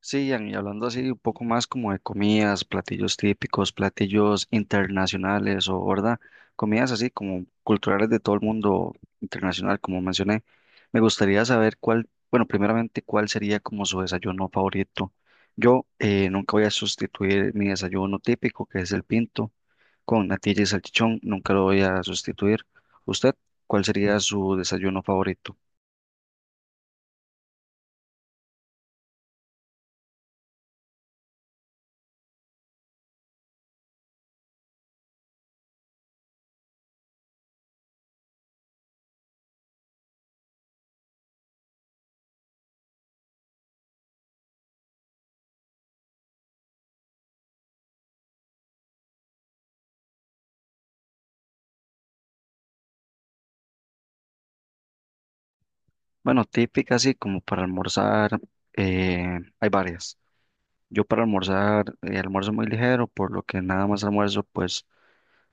Sí, Ian, y hablando así un poco más como de comidas, platillos típicos, platillos internacionales o, ¿verdad? Comidas así como culturales de todo el mundo internacional, como mencioné. Me gustaría saber cuál, bueno, primeramente, cuál sería como su desayuno favorito. Yo nunca voy a sustituir mi desayuno típico, que es el pinto, con natilla y salchichón, nunca lo voy a sustituir. ¿Usted cuál sería su desayuno favorito? Bueno, típica así como para almorzar, hay varias. Yo para almorzar, almuerzo muy ligero, por lo que nada más almuerzo pues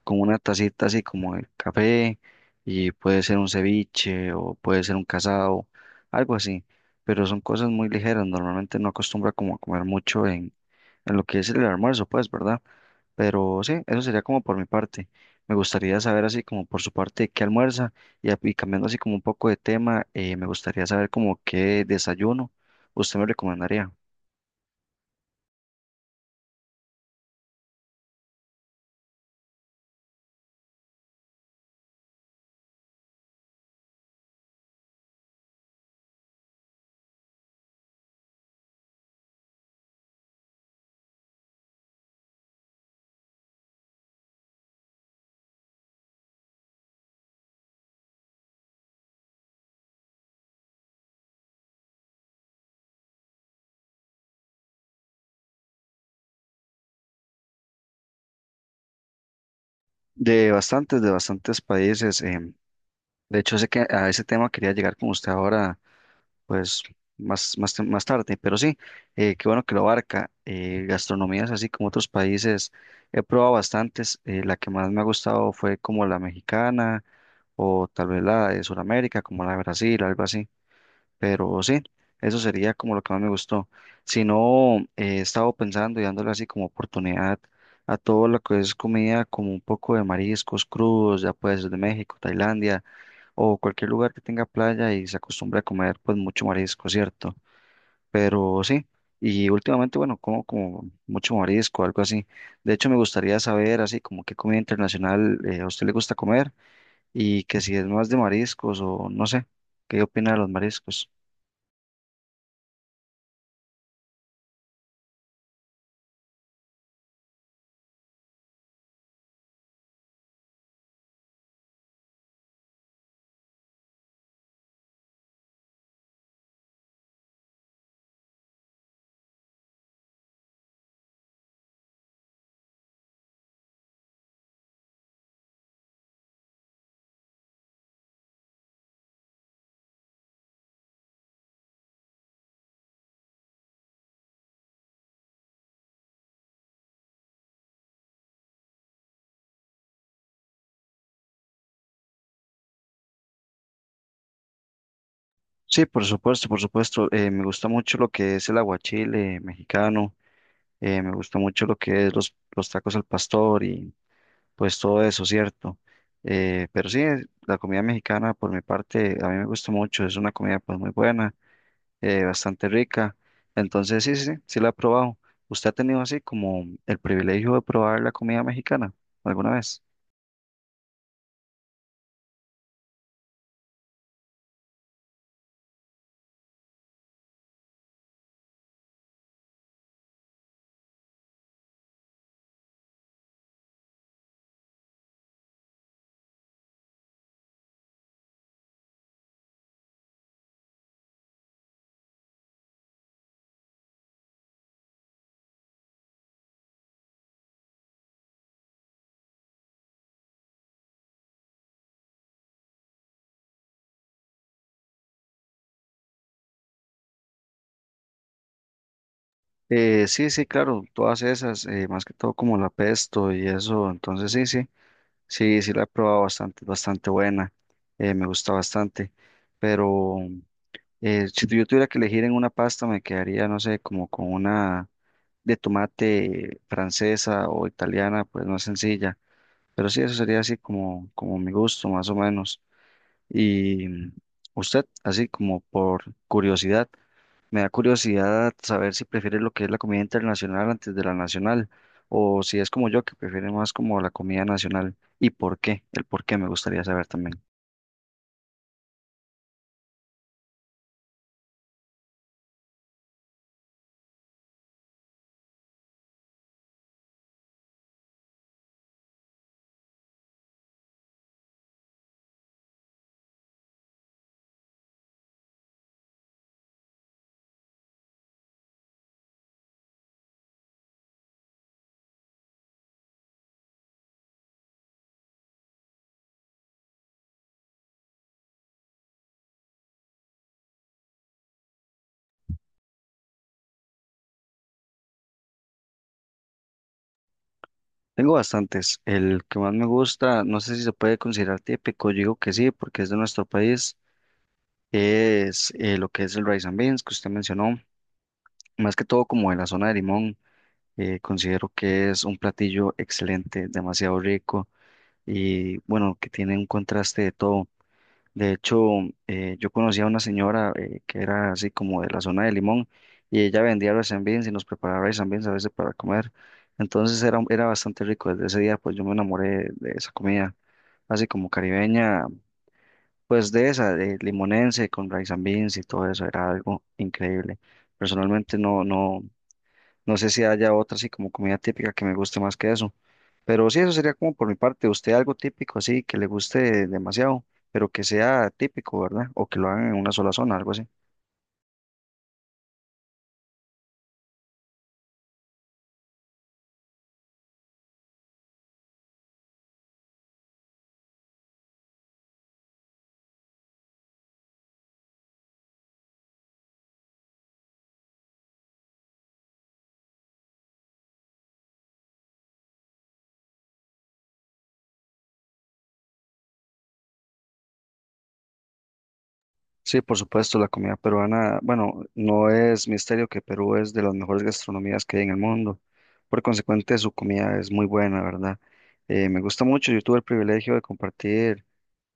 con una tacita así como de café y puede ser un ceviche o puede ser un casado, algo así, pero son cosas muy ligeras, normalmente no acostumbra como a comer mucho en lo que es el almuerzo pues, ¿verdad? Pero sí, eso sería como por mi parte. Me gustaría saber así como por su parte qué almuerza y, y cambiando así como un poco de tema, me gustaría saber como qué desayuno usted me recomendaría. De bastantes países. De hecho, sé que a ese tema quería llegar con usted ahora, pues más tarde, pero sí, qué bueno que lo abarca. Gastronomías así como otros países, he probado bastantes. La que más me ha gustado fue como la mexicana o tal vez la de Sudamérica, como la de Brasil, algo así. Pero sí, eso sería como lo que más me gustó. Si no, he estado pensando y dándole así como oportunidad a todo lo que es comida, como un poco de mariscos crudos, ya puede ser de México, Tailandia o cualquier lugar que tenga playa y se acostumbre a comer pues mucho marisco, ¿cierto? Pero sí, y últimamente, bueno, como mucho marisco, algo así. De hecho, me gustaría saber así como qué comida internacional a usted le gusta comer y que si es más de mariscos o no sé, ¿qué opina de los mariscos? Sí, por supuesto, por supuesto. Me gusta mucho lo que es el aguachile mexicano, me gusta mucho lo que es los tacos al pastor y pues todo eso, ¿cierto? Pero sí, la comida mexicana por mi parte a mí me gusta mucho, es una comida pues muy buena, bastante rica. Entonces sí, sí, sí, sí la he probado. ¿Usted ha tenido así como el privilegio de probar la comida mexicana alguna vez? Sí, sí, claro, todas esas, más que todo como la pesto y eso, entonces sí, sí. Sí, sí la he probado bastante, bastante buena, me gusta bastante, pero si yo tuviera que elegir en una pasta me quedaría, no sé, como con una de tomate francesa o italiana, pues no es sencilla, pero sí, eso sería así como, como mi gusto, más o menos. Y usted, así como por curiosidad, me da curiosidad saber si prefieres lo que es la comida internacional antes de la nacional, o si es como yo, que prefiere más como la comida nacional. ¿Y por qué? El por qué me gustaría saber también. Tengo bastantes. El que más me gusta, no sé si se puede considerar típico, yo digo que sí, porque es de nuestro país, es lo que es el rice and beans que usted mencionó, más que todo como de la zona de Limón. Considero que es un platillo excelente, demasiado rico y bueno, que tiene un contraste de todo. De hecho, yo conocí a una señora que era así como de la zona de Limón y ella vendía rice beans y nos preparaba rice beans a veces para comer. Entonces era bastante rico. Desde ese día pues yo me enamoré de esa comida, así como caribeña, pues de esa, de limonense con rice and beans y todo eso, era algo increíble. Personalmente no, no. No sé si haya otra así como comida típica que me guste más que eso. Pero sí, eso sería como por mi parte. Usted algo típico así que le guste demasiado, pero que sea típico, ¿verdad? O que lo hagan en una sola zona, algo así. Sí, por supuesto, la comida peruana, bueno, no es misterio que Perú es de las mejores gastronomías que hay en el mundo. Por consecuente, su comida es muy buena, ¿verdad? Me gusta mucho. Yo tuve el privilegio de compartir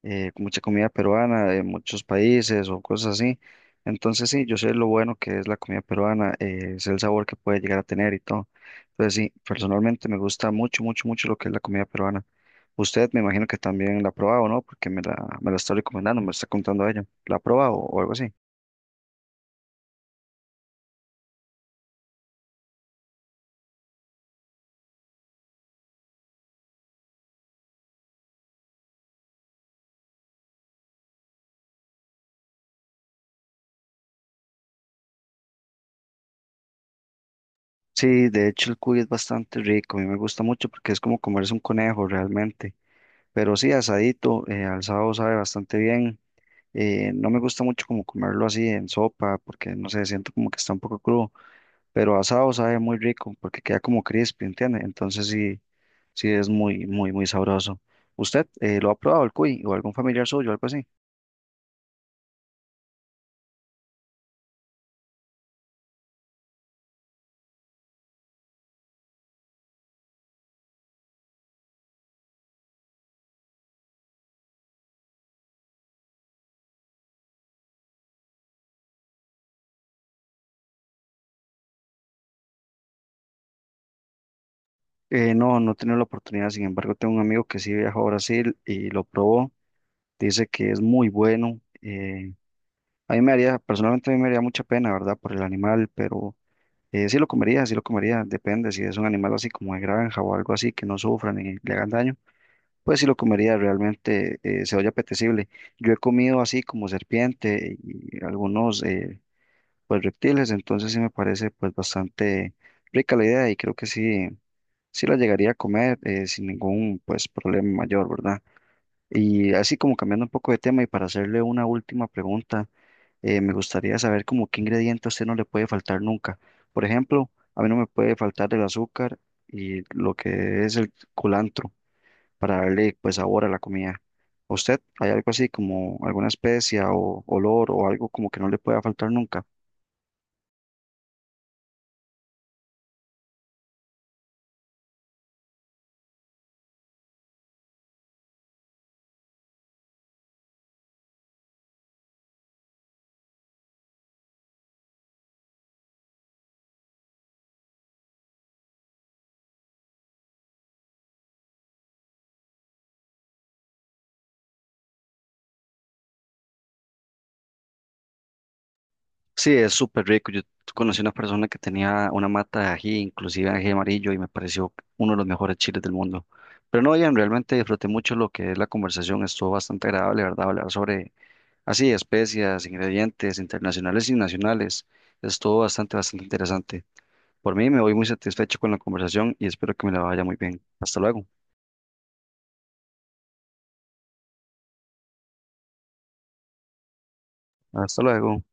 mucha comida peruana de muchos países o cosas así. Entonces sí, yo sé lo bueno que es la comida peruana, sé el sabor que puede llegar a tener y todo. Entonces sí, personalmente me gusta mucho, mucho, mucho lo que es la comida peruana. Usted me imagino que también la ha probado, ¿no? Porque me la está recomendando, me está contando ella. ¿La ha probado o algo así? Sí, de hecho el cuy es bastante rico, a mí me gusta mucho porque es como comerse un conejo realmente. Pero sí, asadito, al sábado sabe bastante bien. No me gusta mucho como comerlo así en sopa, porque no sé, siento como que está un poco crudo, pero asado sabe muy rico porque queda como crispy, ¿entiende? Entonces sí, sí es muy, muy, muy sabroso. ¿Usted lo ha probado el cuy o algún familiar suyo, algo así? No, no he tenido la oportunidad, sin embargo, tengo un amigo que sí viajó a Brasil y lo probó, dice que es muy bueno. A mí me haría, personalmente a mí me haría mucha pena, ¿verdad? Por el animal, pero sí lo comería, depende si es un animal así como de granja o algo así que no sufra ni le hagan daño. Pues sí lo comería, realmente se oye apetecible. Yo he comido así como serpiente y algunos pues reptiles, entonces sí me parece pues bastante rica la idea y creo que sí, sí la llegaría a comer sin ningún pues problema mayor, ¿verdad? Y así como cambiando un poco de tema y para hacerle una última pregunta, me gustaría saber como qué ingrediente a usted no le puede faltar nunca. Por ejemplo, a mí no me puede faltar el azúcar y lo que es el culantro para darle pues sabor a la comida. ¿A usted hay algo así como alguna especia o olor o algo como que no le pueda faltar nunca? Sí, es súper rico. Yo conocí una persona que tenía una mata de ají, inclusive ají amarillo, y me pareció uno de los mejores chiles del mundo. Pero no, Ian, realmente disfruté mucho lo que es la conversación. Estuvo bastante agradable, ¿verdad? Hablar sobre así, especias, ingredientes internacionales y nacionales. Estuvo bastante, bastante interesante. Por mí me voy muy satisfecho con la conversación y espero que me la vaya muy bien. Hasta luego. Hasta luego.